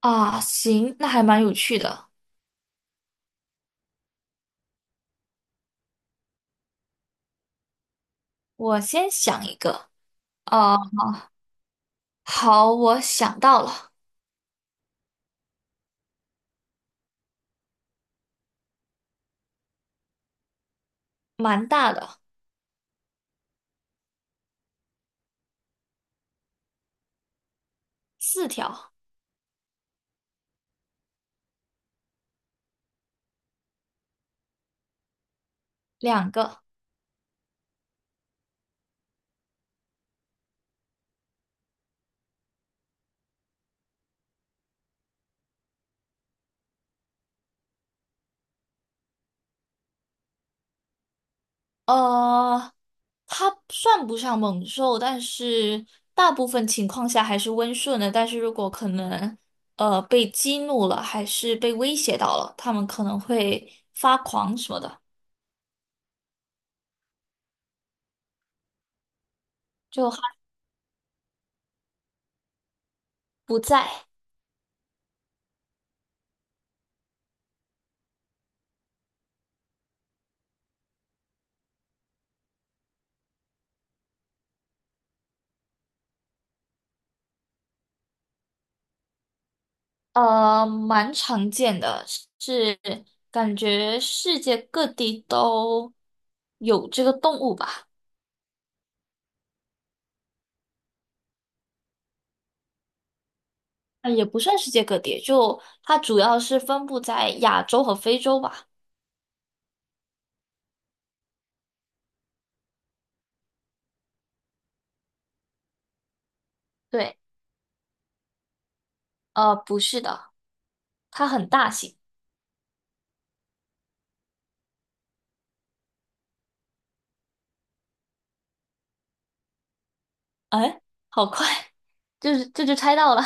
啊，行，那还蛮有趣的。我先想一个，啊，好，我想到了，蛮大的，四条，两个。呃，它算不上猛兽，但是大部分情况下还是温顺的。但是如果可能，被激怒了，还是被威胁到了，他们可能会发狂什么的，就还不在。蛮常见的，是感觉世界各地都有这个动物吧？也不算世界各地，就它主要是分布在亚洲和非洲吧？对，不是的，它很大型。哎，好快，就是这就猜到了，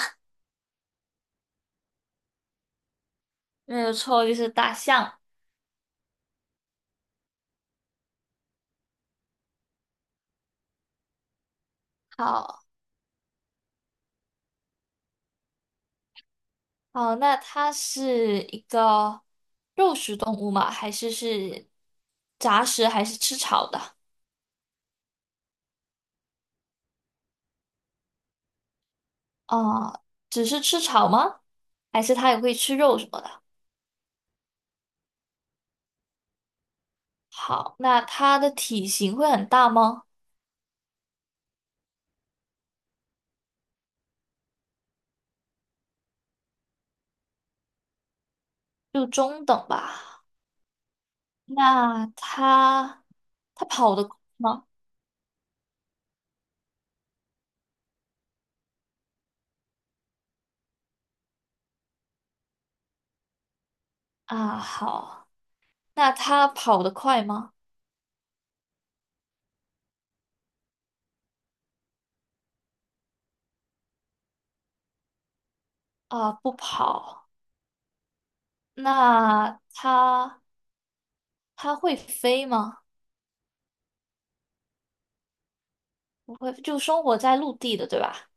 没有错，就是大象。好，好，那它是一个肉食动物吗？还是是杂食，还是吃草的？啊，只是吃草吗？还是它也会吃肉什么的？好，那它的体型会很大吗？就中等吧。那它跑得快吗？啊，好，那它跑得快吗？啊，不跑。那它会飞吗？不会，就生活在陆地的，对吧？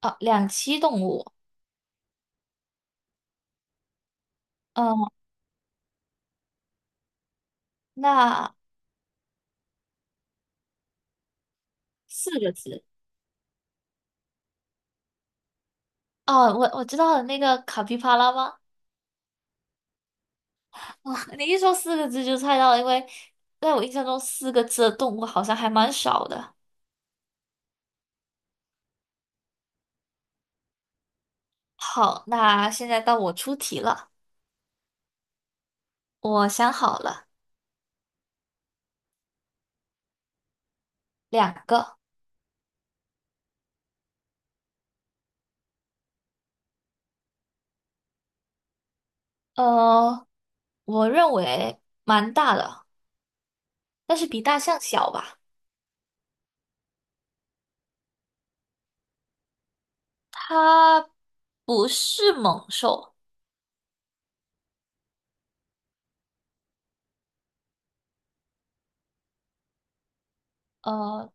啊，两栖动物。嗯，那四个字。哦，我知道了，那个卡皮巴拉吗？哇，你一说四个字就猜到了，因为在我印象中四个字的动物好像还蛮少的。好，那现在到我出题了，我想好了，两个，呃，我认为蛮大的，但是比大象小吧。它不是猛兽，呃，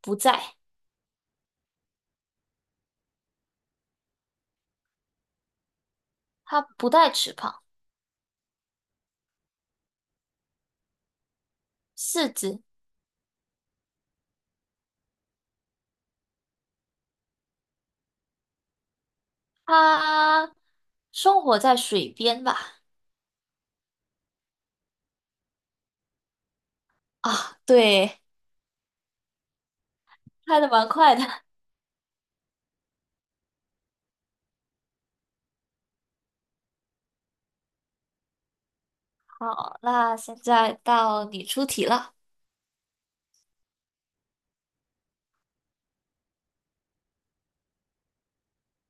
不在，它不带翅膀，四肢，它生活在水边吧？啊，对，猜的蛮快的。好，那现在到你出题了，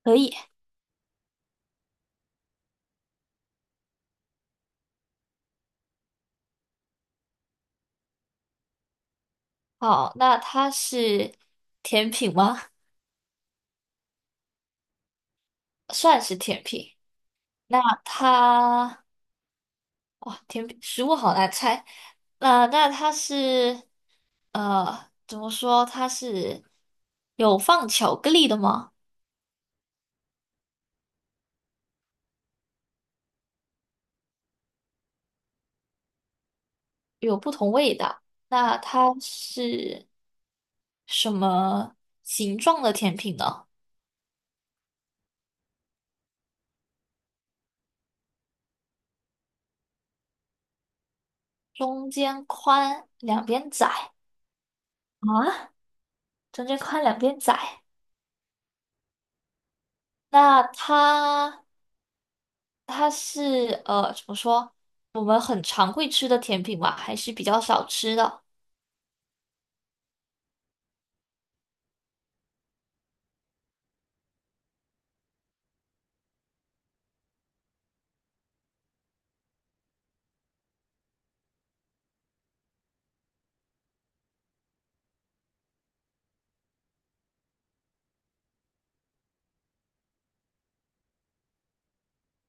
可以。好，那它是甜品吗？算是甜品。那它，哇，甜品，食物好难猜。那它是，怎么说？它是有放巧克力的吗？有不同味道。那它是什么形状的甜品呢？中间宽，两边窄啊？中间宽，两边窄。那它是怎么说？我们很常会吃的甜品吗？还是比较少吃的？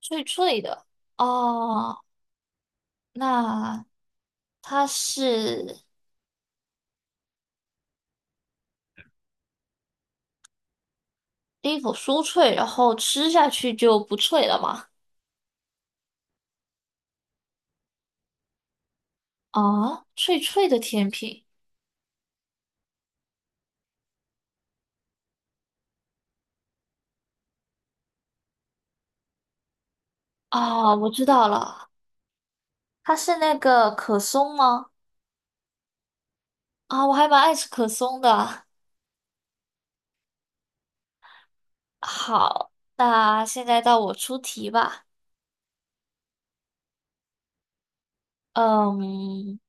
脆脆的哦。那它是一口酥脆，然后吃下去就不脆了吗？啊，脆脆的甜品啊，我知道了，它是那个可松吗？啊，我还蛮爱吃可松的。好，那现在到我出题吧。嗯，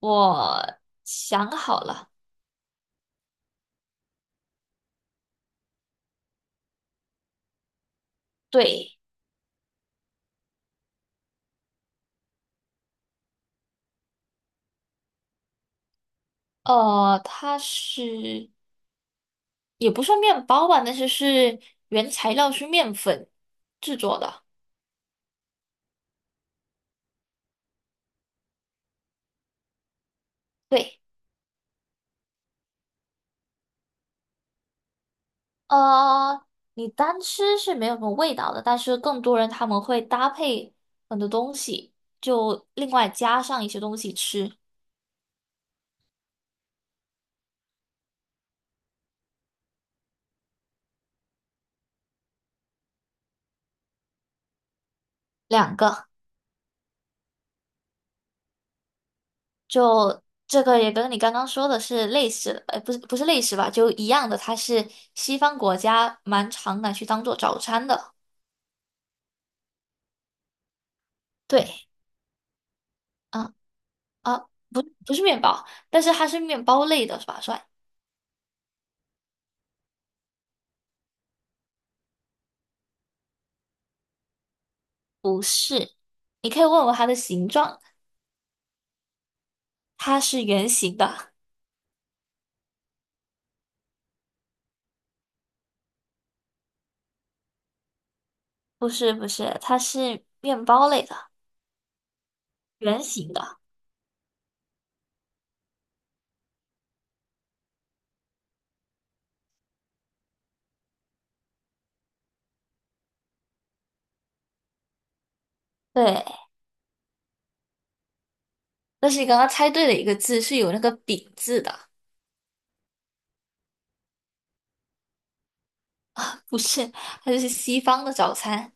我想好了。对，它是也不算面包吧，但是是原材料是面粉制作的。对，呃，你单吃是没有什么味道的，但是更多人他们会搭配很多东西，就另外加上一些东西吃。两个，就这个也跟你刚刚说的是类似的，不是类似吧，就一样的，它是西方国家蛮常拿去当做早餐的。对。啊。啊，不，不是面包，但是它是面包类的，是吧？算，你可以问问它的形状，它是圆形的，不是，它是面包类的，圆形的。对，但是你刚刚猜对了一个字，是有那个饼字的，不是，它就是西方的早餐。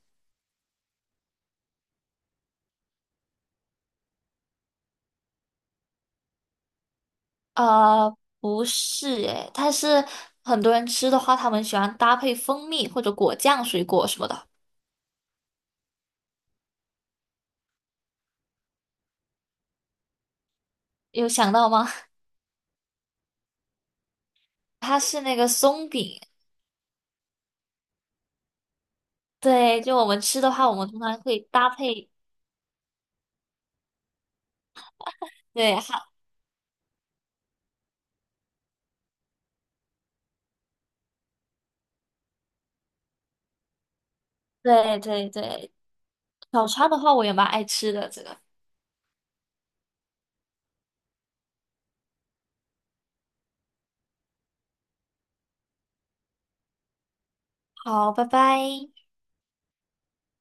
呃，不是诶，它是很多人吃的话，他们喜欢搭配蜂蜜或者果酱、水果什么的，有想到吗？它是那个松饼，对，就我们吃的话，我们通常会搭配。对，对对对，早茶的话我也蛮爱吃的，这个。好，拜拜。